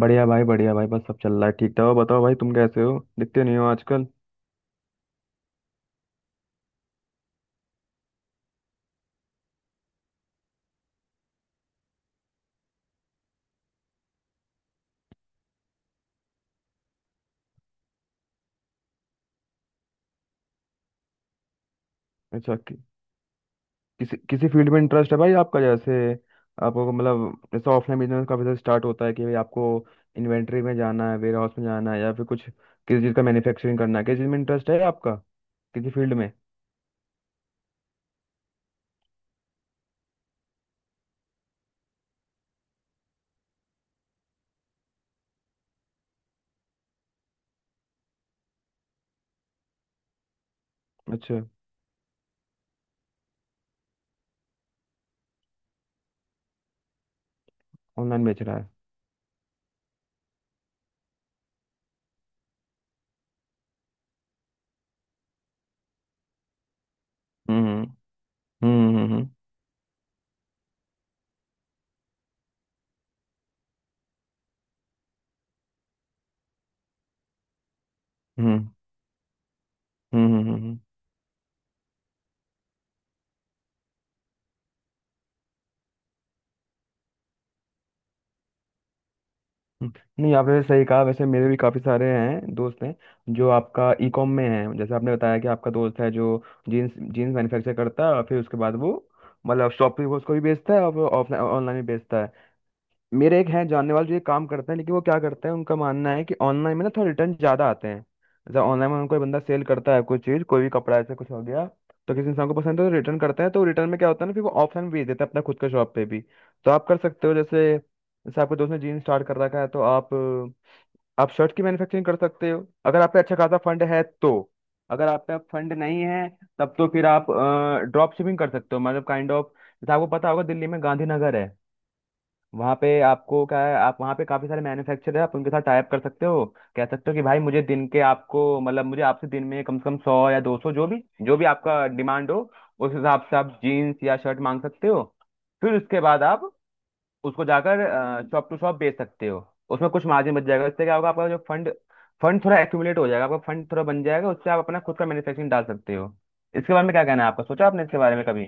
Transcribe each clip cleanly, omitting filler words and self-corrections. बढ़िया भाई बढ़िया भाई, बस सब चल रहा है। ठीक था, बताओ भाई तुम कैसे हो? दिखते नहीं हो आजकल। अच्छा, किसी किसी फील्ड में इंटरेस्ट है भाई आपका? जैसे आपको मतलब जैसे ऑफलाइन बिजनेस काफी सारे स्टार्ट होता है कि भाई आपको इन्वेंट्री में जाना है, वेयर हाउस में जाना है, या फिर कुछ किसी चीज़ का मैन्युफैक्चरिंग करना है? किस चीज़ में इंटरेस्ट है आपका, किसी फील्ड में? अच्छा, ऑनलाइन बेच रहा है। हम्म। हम्म। हम्म हम्म हम्म। हम्म। नहीं, आपने सही कहा। वैसे मेरे भी काफ़ी सारे हैं दोस्त हैं जो आपका ई कॉम में हैं। जैसे आपने बताया कि आपका दोस्त है जो जीन्स जीन्स मैन्युफैक्चर करता है, और फिर उसके बाद वो मतलब शॉप पे वो उसको भी बेचता है और ऑफलाइन ऑनलाइन भी बेचता है। मेरे एक हैं जानने वाले जो ये काम करते हैं, लेकिन वो क्या करते हैं, उनका मानना है कि ऑनलाइन में ना थोड़ा रिटर्न ज्यादा आते हैं। जैसे ऑनलाइन में हम कोई बंदा सेल करता है कोई चीज, कोई भी कपड़ा ऐसे कुछ हो गया, तो किसी इंसान को पसंद है तो रिटर्न करते हैं। तो रिटर्न में क्या होता है ना, फिर वो ऑप्शन भेज देते हैं अपना खुद का शॉप पे भी। तो आप कर सकते हो जैसे, जैसे आपके दोस्त ने जीन स्टार्ट कर रखा है, तो आप शर्ट की मैन्युफैक्चरिंग कर सकते हो अगर आप पे अच्छा खासा फंड है तो। अगर आप पे फंड नहीं है, तब तो फिर आप ड्रॉप शिपिंग कर सकते हो मतलब काइंड ऑफ। जैसे आपको पता होगा दिल्ली में गांधीनगर है, वहाँ पे आपको क्या है, आप वहाँ पे काफ़ी सारे मैन्युफैक्चरर है, आप उनके साथ टाइप कर सकते हो। कह सकते हो कि भाई मुझे दिन के आपको मतलब मुझे आपसे दिन में कम से कम सौ या दो सौ, जो भी आपका डिमांड हो, उस हिसाब से आप जीन्स या शर्ट मांग सकते हो। फिर उसके बाद आप उसको जाकर शॉप टू शॉप बेच सकते हो, उसमें कुछ मार्जिन बच जाएगा। इससे क्या होगा, आपका जो फंड फंड थोड़ा एक्यूमुलेट हो जाएगा, आपका फंड थोड़ा बन जाएगा, उससे आप अपना खुद का मैन्युफैक्चरिंग डाल सकते हो। इसके बारे में क्या कहना है आपका? सोचा आपने इसके बारे में कभी?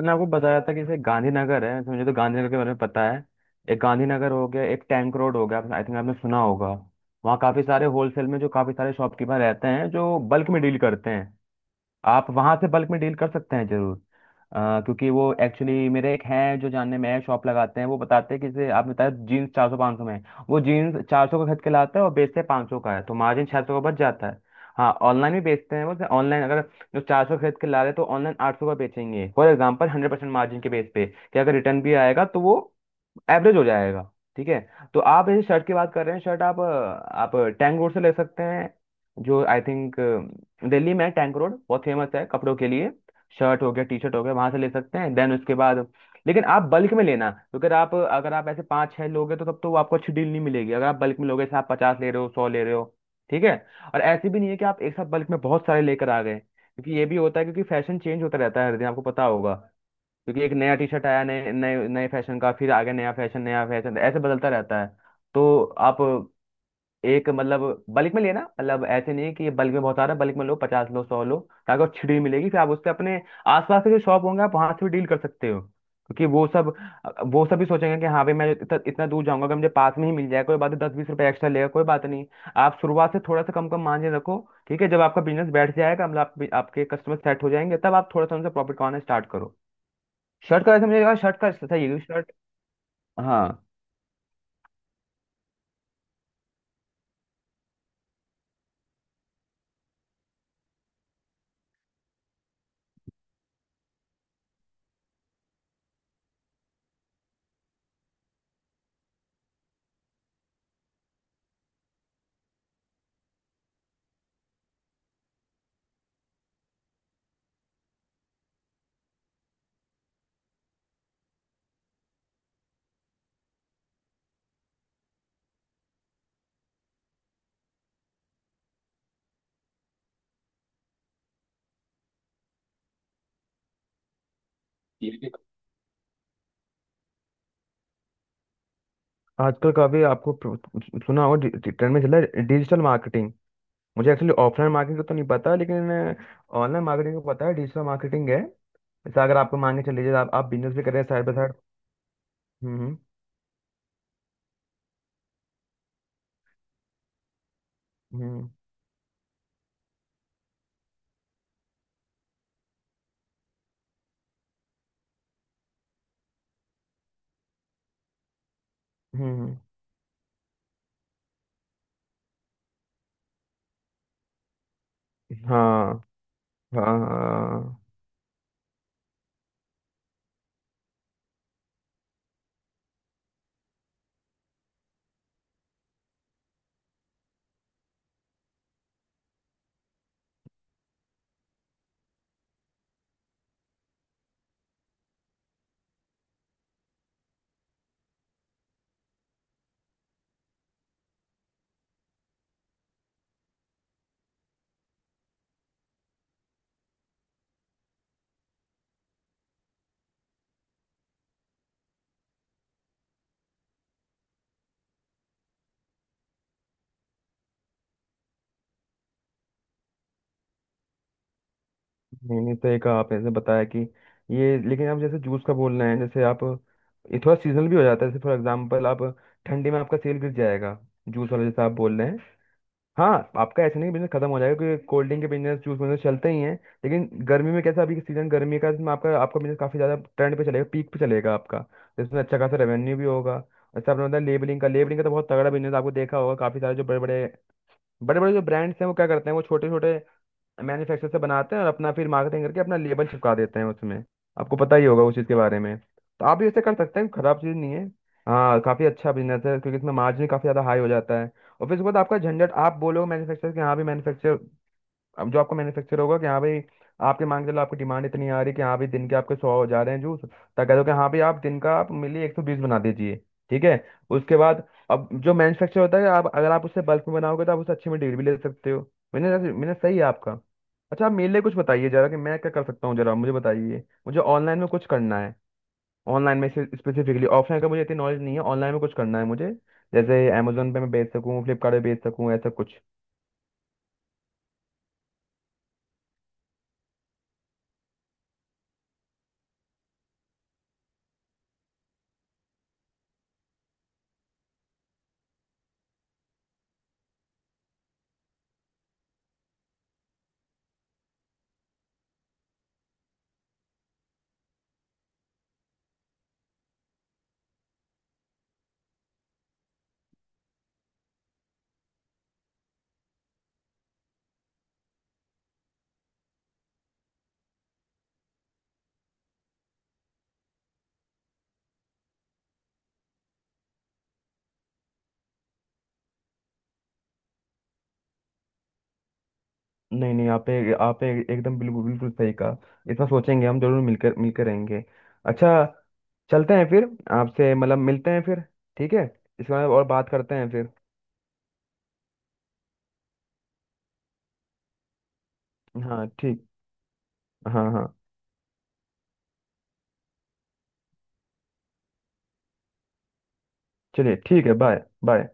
मैंने आपको बताया था कि जैसे गांधीनगर है, तो मुझे तो गांधीनगर के बारे में पता है। एक गांधीनगर हो गया, एक टैंक रोड हो गया, आई थिंक आपने सुना होगा। वहाँ काफी सारे होलसेल में जो काफी सारे शॉपकीपर रहते हैं जो बल्क में डील करते हैं, आप वहां से बल्क में डील कर सकते हैं जरूर। क्योंकि वो एक्चुअली मेरे एक हैं जो जानने में है, शॉप लगाते हैं, वो बताते हैं कि जैसे आपने बताया जीन्स चार सौ पाँच सौ में है। वो जीन्स चार सौ का खरीद के लाता है और बेचते हैं पाँच सौ का है, तो मार्जिन छः सौ का बच जाता है। हाँ, ऑनलाइन भी बेचते हैं वो। ऑनलाइन अगर जो चार सौ खरीद के ला रहे हैं तो ऑनलाइन आठ सौ का बेचेंगे, for example hundred percent margin के बेस पे, कि अगर रिटर्न भी आएगा तो वो एवरेज हो जाएगा। ठीक है। तो आप इस शर्ट की बात कर रहे हैं। शर्ट आप आप टैंक रोड से ले सकते हैं, जो आई थिंक दिल्ली में टैंक रोड बहुत फेमस है कपड़ों के लिए। शर्ट हो गया, टी शर्ट हो गया, वहां से ले सकते हैं। देन उसके बाद लेकिन आप बल्क में लेना, क्योंकि आप अगर आप ऐसे पाँच छह लोगे तो तब तो वो आपको अच्छी डील नहीं मिलेगी। अगर आप बल्क में लोगे जैसे आप पचास ले रहे हो, सौ ले रहे हो, ठीक है। और ऐसे भी नहीं है कि आप एक साथ बल्क में बहुत सारे लेकर आ गए, क्योंकि ये भी होता है, क्योंकि फैशन चेंज होता रहता है हर दिन आपको पता होगा। क्योंकि एक नया टी शर्ट आया नए नए नए फैशन का, फिर आगे नया फैशन, नया फैशन, ऐसे बदलता रहता है। तो आप एक मतलब बल्क में लेना मतलब ऐसे नहीं है कि बल्क में बहुत आ रहा है, बल्क में लो, पचास लो, सौ लो, ताकि वो छिड़ी मिलेगी। फिर आप उससे अपने आसपास के जो शॉप होंगे आप वहां से भी डील कर सकते हो, क्योंकि वो सब, वो सब भी सोचेंगे कि हाँ भाई मैं इतना दूर जाऊंगा कि मुझे पास में ही मिल जाए, कोई बात नहीं दस बीस रुपए एक्स्ट्रा लेगा, कोई बात नहीं। आप शुरुआत से थोड़ा सा कम कम मार्जिन रखो। ठीक है, जब आपका बिजनेस बैठ जाएगा मतलब आप, आपके कस्टमर सेट हो जाएंगे, तब आप थोड़ा सा उनसे प्रॉफिट कमाना स्टार्ट करो। शर्ट का ऐसे मुझे लगा शर्ट का ऐसा था, ये भी शर्ट। हाँ। ये भी- आजकल काफी आपको प्रो- सुना होगा, डि- डि- ट्रेंड में चल रहा है डिजिटल मार्केटिंग। मुझे एक्चुअली ऑफलाइन मार्केटिंग का तो नहीं पता, लेकिन ऑनलाइन मार्केटिंग का पता है, डिजिटल मार्केटिंग है। जैसे अगर आपको मांगे चल लीजिए आप, बिजनेस भी कर रहे हैं साइड बाय साइड। हम्म। हम्म हम्म। हाँ। हाँ हाँ। नहीं नहीं, सही कहा आपने जैसे बताया कि, ये लेकिन आप जैसे जूस का बोल रहे हैं, जैसे आप ये थोड़ा सीजनल भी हो जाता है। जैसे फॉर एग्जाम्पल आप ठंडी में आपका सेल गिर जाएगा जूस वाला, जैसे आप बोल रहे हैं। हाँ, आपका ऐसा नहीं बिजनेस खत्म हो जाएगा, क्योंकि कोल्ड ड्रिंक के बिजनेस जूस बिजनेस चलते ही हैं। लेकिन गर्मी में कैसा अभी सीजन गर्मी का, इसमें आपका आपका बिजनेस काफी ज्यादा ट्रेंड पे चलेगा, पीक पे चलेगा आपका। तो इसमें अच्छा खासा रेवेन्यू भी होगा। अच्छा, आपने बताया लेबलिंग का। लेबलिंग का तो बहुत तगड़ा बिजनेस आपको देखा होगा। काफी सारे जो बड़े बड़े जो ब्रांड्स हैं वो क्या करते हैं, वो छोटे छोटे मैन्युफैक्चर से बनाते हैं और अपना फिर मार्केटिंग करके अपना लेबल चिपका देते हैं उसमें। आपको पता ही होगा उस चीज़ के बारे में, तो आप भी इसे कर सकते हैं, खराब चीज़ नहीं है। हाँ, काफ़ी अच्छा बिजनेस है, क्योंकि इसमें मार्जिन काफ़ी ज़्यादा हाई हो जाता है। और फिर उसके बाद आपका झंझट, आप बोलोगे मैन्युफैक्चर के, हाँ भी मैन्युफैक्चर। अब जो आपको मैन्युफैक्चर होगा कि हाँ भाई आपके मांग चलो आपकी डिमांड इतनी आ रही है कि हाँ भाई दिन के आपके सौ हो जा रहे हैं जूस, तो कह दो कि हाँ भाई आप दिन का आप मिली एक सौ बीस बना दीजिए। ठीक है। उसके बाद अब जो मैन्युफैक्चर होता है, आप अगर आप उससे बल्क में बनाओगे तो आप उससे अच्छे में डील भी ले सकते हो। मैंने मैंने सही है आपका। अच्छा, आप मेरे लिए कुछ बताइए जरा कि मैं क्या कर सकता हूँ, जरा मुझे बताइए। मुझे ऑनलाइन में कुछ करना है, ऑनलाइन में स्पेसिफिकली। ऑफलाइन का मुझे इतनी नॉलेज नहीं है, ऑनलाइन में कुछ करना है मुझे। जैसे अमेजोन पे मैं बेच सकूँ, फ्लिपकार्ट पे बेच सकूँ, ऐसा कुछ। नहीं नहीं, एकदम बिल्कुल बिल्कुल सही कहा। इतना सोचेंगे हम जरूर, मिलकर मिलकर रहेंगे। अच्छा, चलते हैं फिर। आपसे मतलब मिलते हैं फिर, ठीक है। इसके बारे में और बात करते हैं फिर। हाँ ठीक। हाँ हाँ। चलिए ठीक है, बाय बाय।